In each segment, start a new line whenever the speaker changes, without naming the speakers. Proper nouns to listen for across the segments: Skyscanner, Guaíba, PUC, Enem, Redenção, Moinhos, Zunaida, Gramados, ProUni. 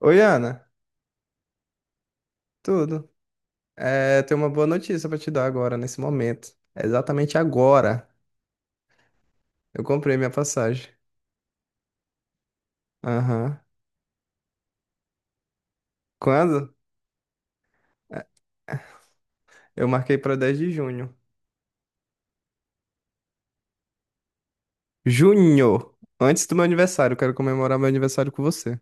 Oi, Ana, tudo? Tenho uma boa notícia pra te dar agora, nesse momento. Exatamente agora. Eu comprei minha passagem. Aham. Quando? É, Eu marquei pra 10 de junho. Junho! Antes do meu aniversário, eu quero comemorar meu aniversário com você.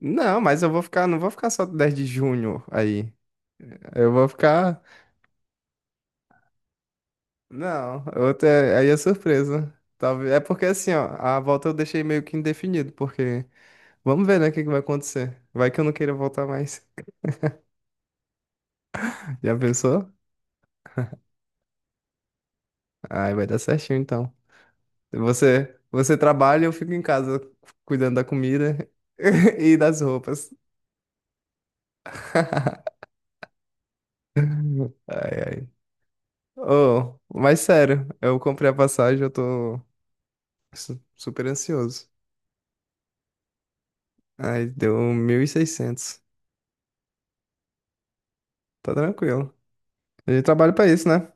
Não, mas eu vou ficar, não vou ficar só 10 de junho aí. Eu vou ficar. Não, aí é surpresa. Talvez. É porque assim, ó, a volta eu deixei meio que indefinido, porque vamos ver, né, o que que vai acontecer. Vai que eu não queira voltar mais. Já pensou? Ai, vai dar certinho então. Você trabalha, eu fico em casa cuidando da comida e das roupas. Ai, ai. Oh, mas sério, eu comprei a passagem, eu tô super ansioso. Ai, deu 1.600. Tá tranquilo. A gente trabalha pra isso, né?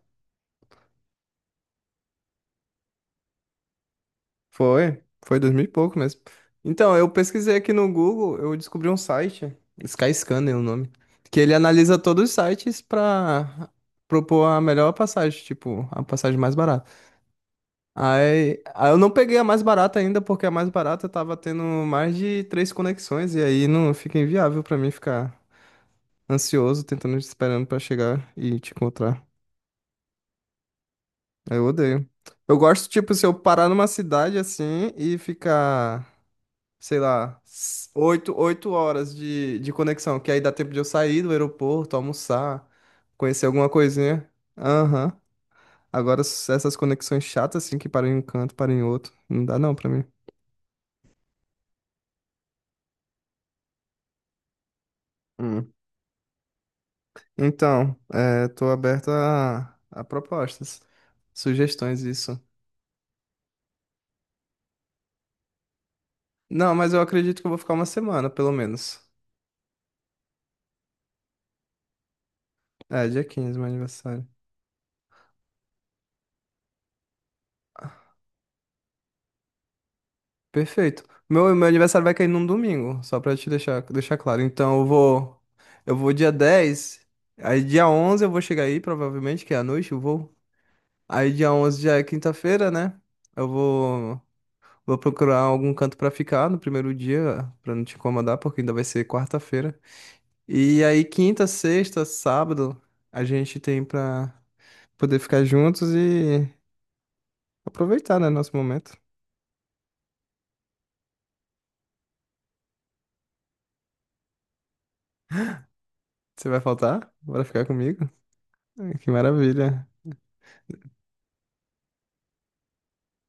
Foi dois mil e pouco mesmo. Então, eu pesquisei aqui no Google, eu descobri um site, Skyscanner é o nome, que ele analisa todos os sites pra propor a melhor passagem, tipo, a passagem mais barata. Aí eu não peguei a mais barata ainda, porque a mais barata tava tendo mais de três conexões, e aí não fica inviável pra mim ficar ansioso, tentando, esperando pra chegar e te encontrar. Aí eu odeio. Eu gosto, tipo, se eu parar numa cidade assim e ficar, sei lá, oito horas de conexão, que aí dá tempo de eu sair do aeroporto, almoçar, conhecer alguma coisinha. Aham. Agora, essas conexões chatas assim, que param em um canto, param em outro, não dá não pra mim. Então, tô aberto a propostas, sugestões, isso. Não, mas eu acredito que eu vou ficar uma semana, pelo menos. É, dia 15, meu aniversário. Perfeito. Meu aniversário vai cair num domingo, só pra te deixar claro. Então, eu vou dia 10. Aí dia 11 eu vou chegar aí, provavelmente, que é à noite eu vou. Aí dia 11 já é quinta-feira, né? Eu vou procurar algum canto pra ficar no primeiro dia, pra não te incomodar, porque ainda vai ser quarta-feira. E aí, quinta, sexta, sábado, a gente tem pra poder ficar juntos e aproveitar, né, nosso momento. Você vai faltar? Bora ficar comigo? Ai, que maravilha.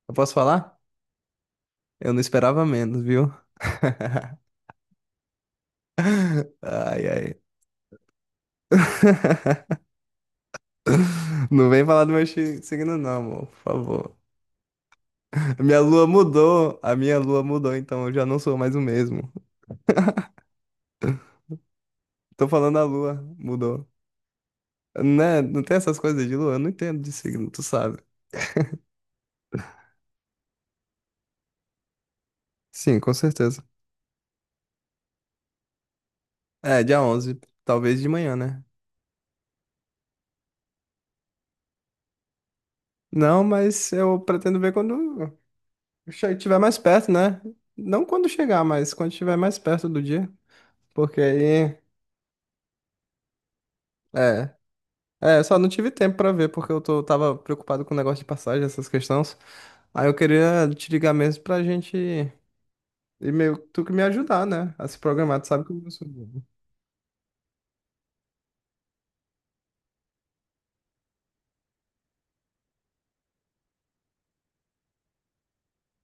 Eu posso falar? Eu não esperava menos, viu? Ai, ai. Não vem falar do meu signo, não, amor, por favor. A minha lua mudou, a minha lua mudou, então eu já não sou mais o mesmo. Tô falando a lua, mudou. Né? Não tem essas coisas de lua? Eu não entendo de signo, tu sabe. Sim, com certeza. É, dia 11, talvez de manhã, né? Não, mas eu pretendo ver quando estiver mais perto, né? Não quando chegar, mas quando estiver mais perto do dia. Porque aí. É. É, só não tive tempo pra ver, porque tava preocupado com o negócio de passagem, essas questões. Aí eu queria te ligar mesmo pra gente. E meio que tu que me ajudar, né? A se programar, tu sabe que eu sou bobo.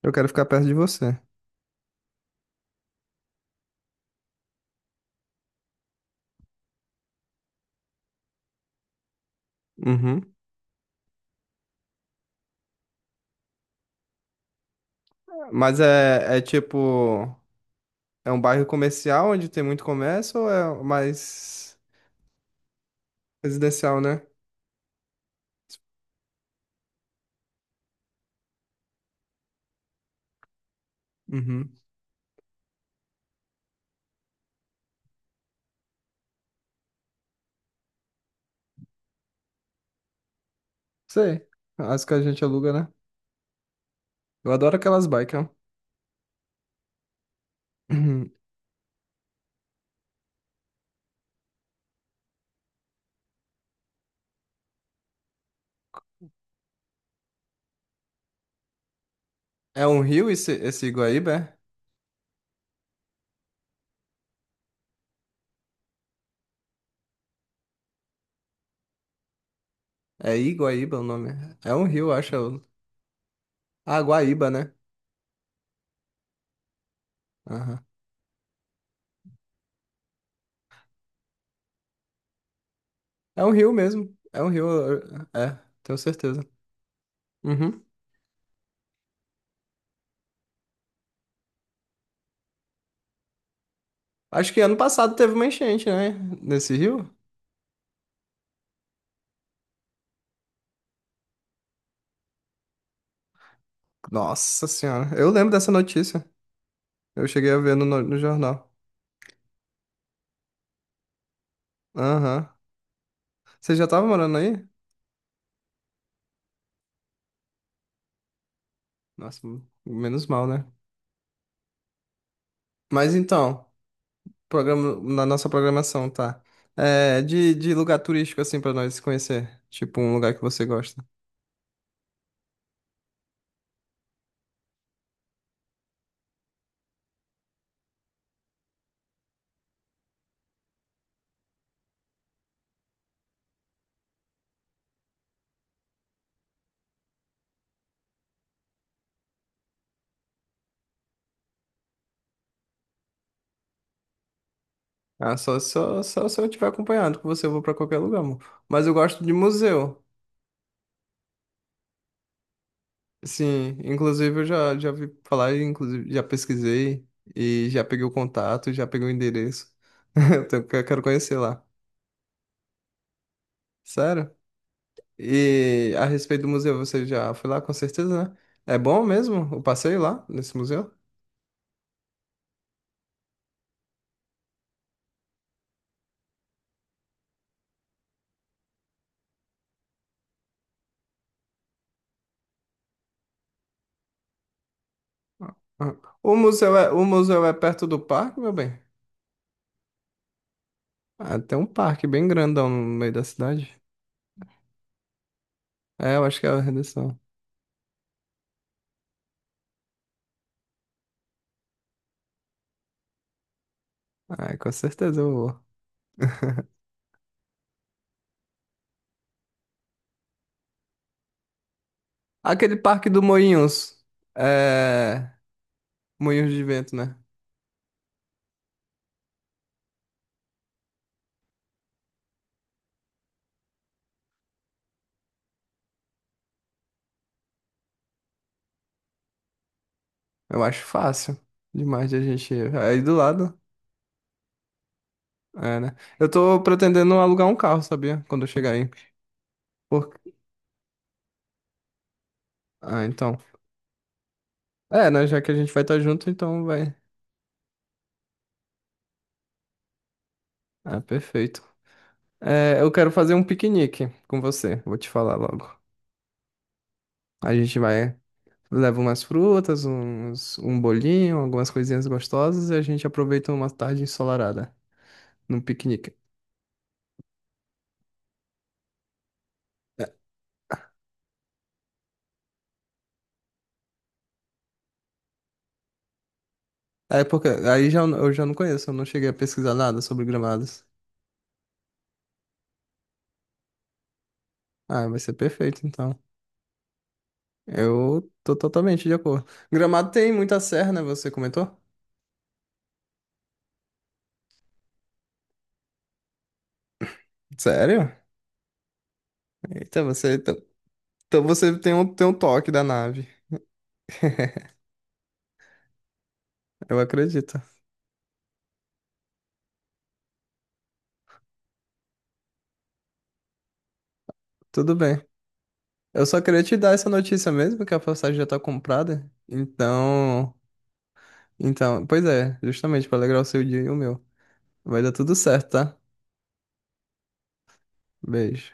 Eu quero ficar perto de você. Uhum. Mas é tipo. É um bairro comercial onde tem muito comércio ou é mais residencial, né? Uhum. Sei. As que a gente aluga, né? Eu adoro aquelas bikes, ó. Uhum. É um rio esse Iguaíba? É Iguaíba o nome. É um rio, acho. Ah, Guaíba, né? Aham. É um rio mesmo. É um rio. É, tenho certeza. Uhum. Acho que ano passado teve uma enchente, né? Nesse rio? Nossa Senhora. Eu lembro dessa notícia. Eu cheguei a ver no, no jornal. Aham. Você já tava morando aí? Nossa, menos mal, né? Mas então, na nossa programação, tá? É, de lugar turístico, assim, pra nós conhecer. Tipo, um lugar que você gosta. Ah, só se eu estiver acompanhando, com você eu vou pra qualquer lugar, amor. Mas eu gosto de museu. Sim, inclusive eu já vi falar, inclusive já pesquisei e já peguei o contato, já peguei o endereço. Eu quero conhecer lá. Sério? E a respeito do museu, você já foi lá, com certeza, né? É bom mesmo o passeio lá, nesse museu? Ah, o museu é perto do parque, meu bem? Ah, tem um parque bem grandão no meio da cidade. É, eu acho que é a Redenção. Ah, com certeza eu vou. Aquele parque do Moinhos. É. Moinhos de vento, né? Eu acho fácil demais de a gente ir. Aí do lado. É, né? Eu tô pretendendo alugar um carro, sabia? Quando eu chegar aí. Por... Ah, então. É, né? Já que a gente vai estar junto, então vai. Ah, perfeito. É, eu quero fazer um piquenique com você. Vou te falar logo. A gente vai. Leva umas frutas, um bolinho, algumas coisinhas gostosas e a gente aproveita uma tarde ensolarada, num piquenique. É é porque aí já, eu já não conheço, eu não cheguei a pesquisar nada sobre gramados. Ah, vai ser perfeito então. Eu tô totalmente de acordo. Gramado tem muita serra, né? Você comentou? Sério? Eita, você. Então você tem um toque da nave. Eu acredito. Tudo bem. Eu só queria te dar essa notícia mesmo, que a passagem já tá comprada. Então, pois é, justamente pra alegrar o seu dia e o meu. Vai dar tudo certo, tá? Beijo.